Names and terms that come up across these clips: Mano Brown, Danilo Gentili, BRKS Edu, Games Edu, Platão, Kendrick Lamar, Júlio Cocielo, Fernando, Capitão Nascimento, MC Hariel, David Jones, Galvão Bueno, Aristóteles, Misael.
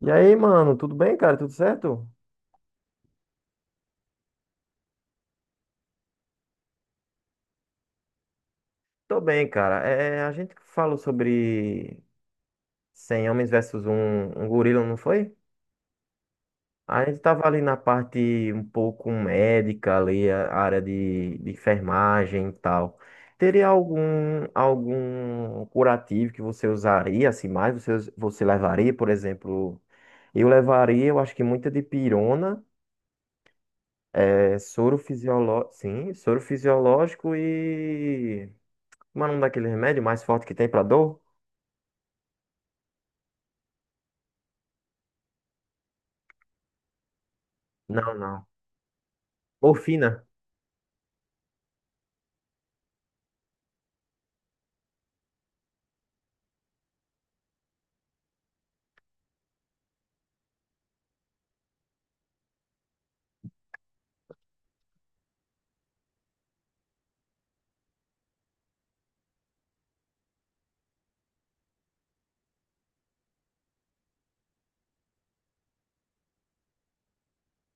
E aí, mano, tudo bem, cara? Tudo certo? Tô bem, cara. A gente falou sobre 100 homens versus um gorila, não foi? A gente tava ali na parte um pouco médica, ali, a área de enfermagem e tal. Teria algum curativo que você usaria, assim, mais? Você, você levaria, por exemplo... Eu levaria, eu acho que muita dipirona, é, soro fisiológico, sim, soro fisiológico e como é o nome daquele remédio mais forte que tem pra dor? Não, não. Morfina.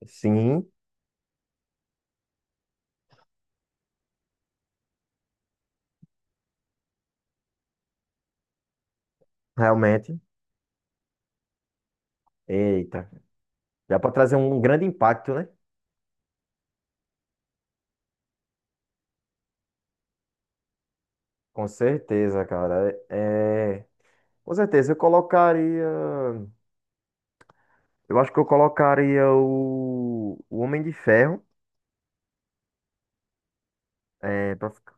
Sim, realmente. Eita. Dá pra trazer um grande impacto, né? Com certeza, cara. Com certeza, eu colocaria. Eu acho que eu colocaria o Homem de Ferro. É,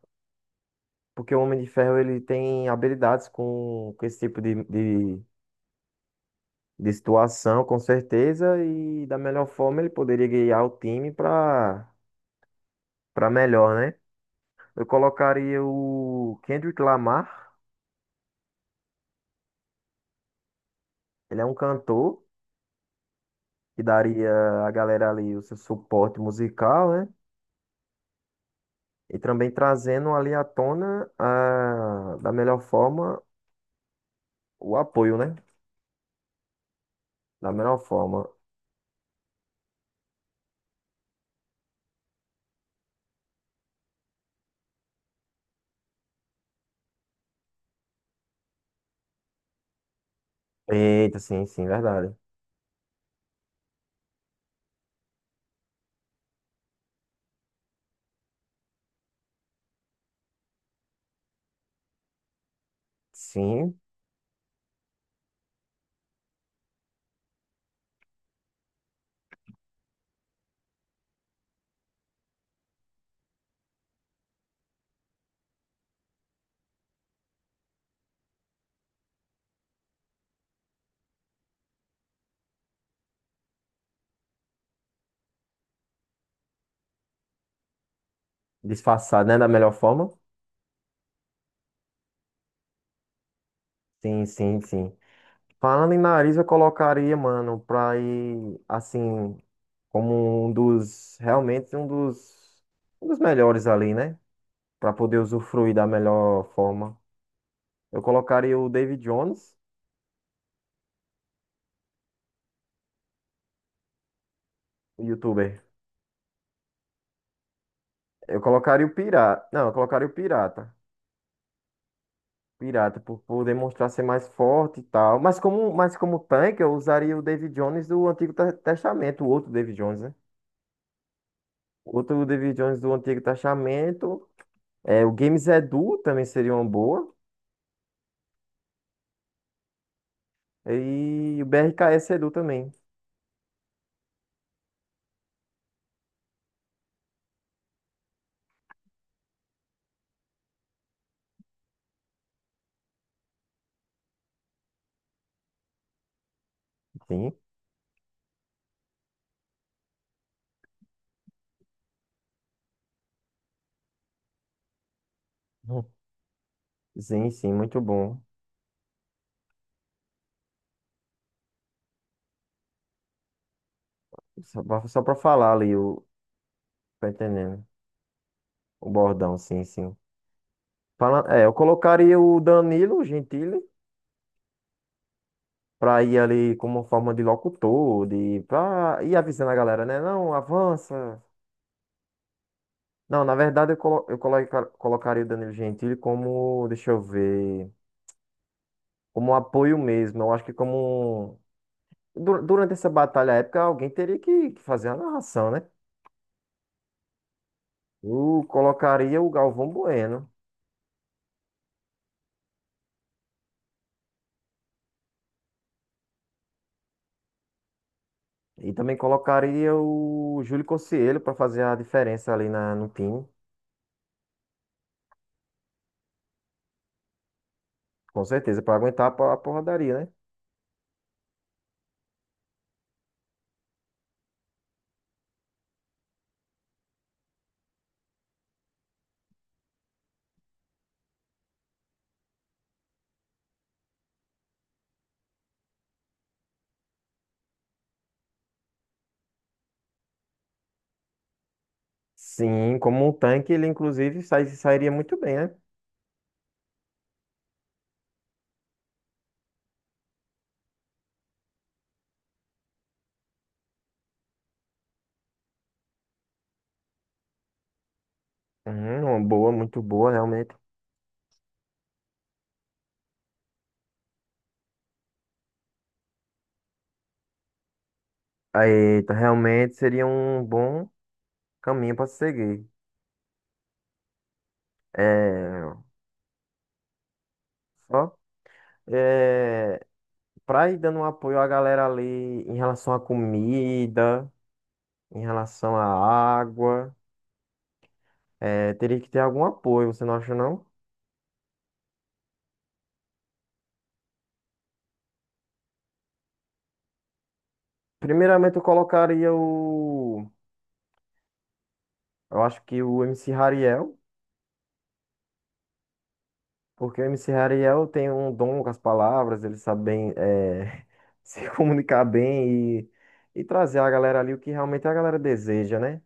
porque o Homem de Ferro ele tem habilidades com esse tipo de situação, com certeza. E da melhor forma ele poderia guiar o time para para melhor, né? Eu colocaria o Kendrick Lamar. Ele é um cantor que daria à galera ali o seu suporte musical, né? E também trazendo ali à tona da melhor forma o apoio, né? Da melhor forma. Eita, sim, sim, verdade. Sim, disfarçado, né? Da melhor forma. Sim, sim, sim. Falando em nariz, eu colocaria, mano, pra ir, assim, como um realmente um um dos melhores ali, né? Para poder usufruir da melhor forma. Eu colocaria o David Jones, o youtuber. Eu colocaria o pirata. Não, eu colocaria o pirata. Pirata, por poder mostrar ser mais forte e tal. Mas como tanque, eu usaria o David Jones do Antigo Testamento, o outro David Jones, né? O outro David Jones do Antigo Testamento. É, o Games Edu também seria uma boa. E o BRKS Edu também. Sim. Hum. Sim, sim, muito bom. Só pra falar ali, o, tá entendendo? O bordão, sim, sim. É, eu colocaria o Danilo Gentili pra ir ali como forma de locutor, pra ir avisando a galera, né? Não, avança. Não, na verdade eu, colo, eu coloca- colocaria o Danilo Gentili como, deixa eu ver, como apoio mesmo. Eu acho que como durante essa batalha épica, alguém teria que fazer a narração, né? Eu colocaria o Galvão Bueno. E também colocaria o Júlio Cocielo pra fazer a diferença ali no time. Com certeza, pra aguentar a porradaria, né? Sim, como um tanque, ele inclusive sairia muito bem, né? Uhum, uma boa, muito boa, realmente. Aí, tá, realmente seria um bom caminho para seguir. É, só é, para ir dando um apoio à galera ali em relação à comida, em relação à água, é, teria que ter algum apoio, você não acha, não? Primeiramente, eu colocaria o. Eu acho que o MC Hariel. Porque o MC Ariel tem um dom com as palavras, ele sabe bem se comunicar bem e trazer a galera ali o que realmente a galera deseja, né?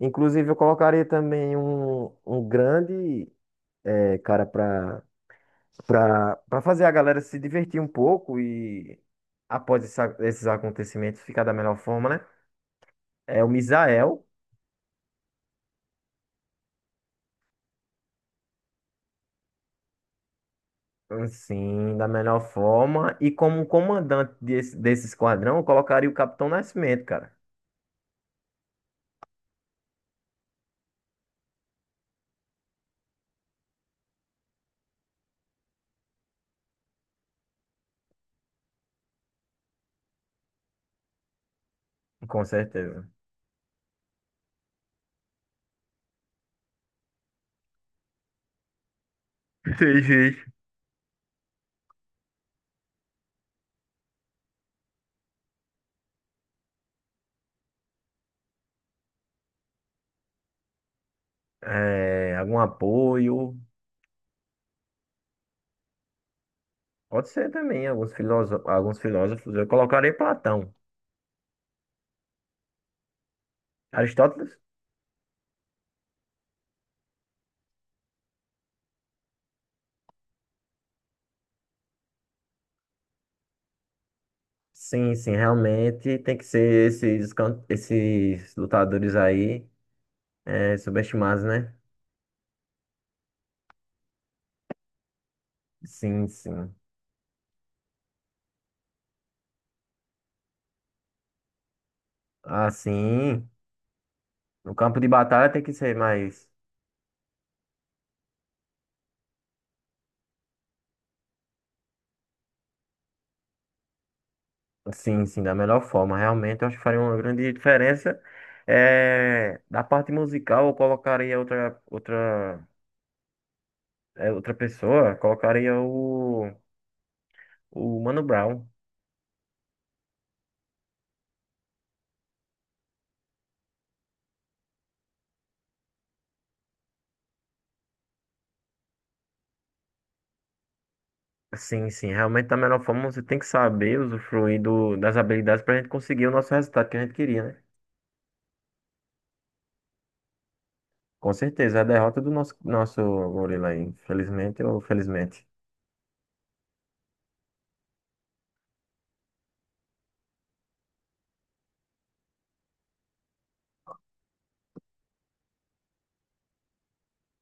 Inclusive, eu colocaria também um grande cara para para fazer a galera se divertir um pouco e, esses acontecimentos, ficar da melhor forma, né? É o Misael, sim, da melhor forma. E como comandante desse esquadrão, eu colocaria o Capitão Nascimento, cara, com certeza. Sei, sei. É, algum apoio. Pode ser também, alguns filósofos. Eu colocaria Platão. Aristóteles? Sim, sim, realmente tem que ser esses lutadores aí é, subestimados, né? Sim, sim. Assim, no campo de batalha tem que ser mais. Sim, sim, da melhor forma. Realmente, eu acho que faria uma grande diferença. É, da parte musical, eu colocaria outra pessoa, colocaria o. O Mano Brown. Sim, sim. Realmente, da melhor forma, você tem que saber usufruir do, das habilidades para a gente conseguir o nosso resultado que a gente queria, né? Com certeza. É a derrota do nosso gorila aí. Infelizmente ou felizmente.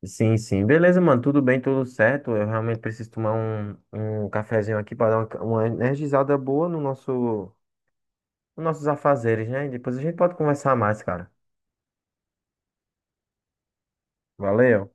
Sim, sim. Beleza, mano. Tudo bem, tudo certo. Eu realmente preciso tomar um cafezinho aqui para dar uma energizada boa no nos nossos afazeres, né? E depois a gente pode conversar mais, cara. Valeu.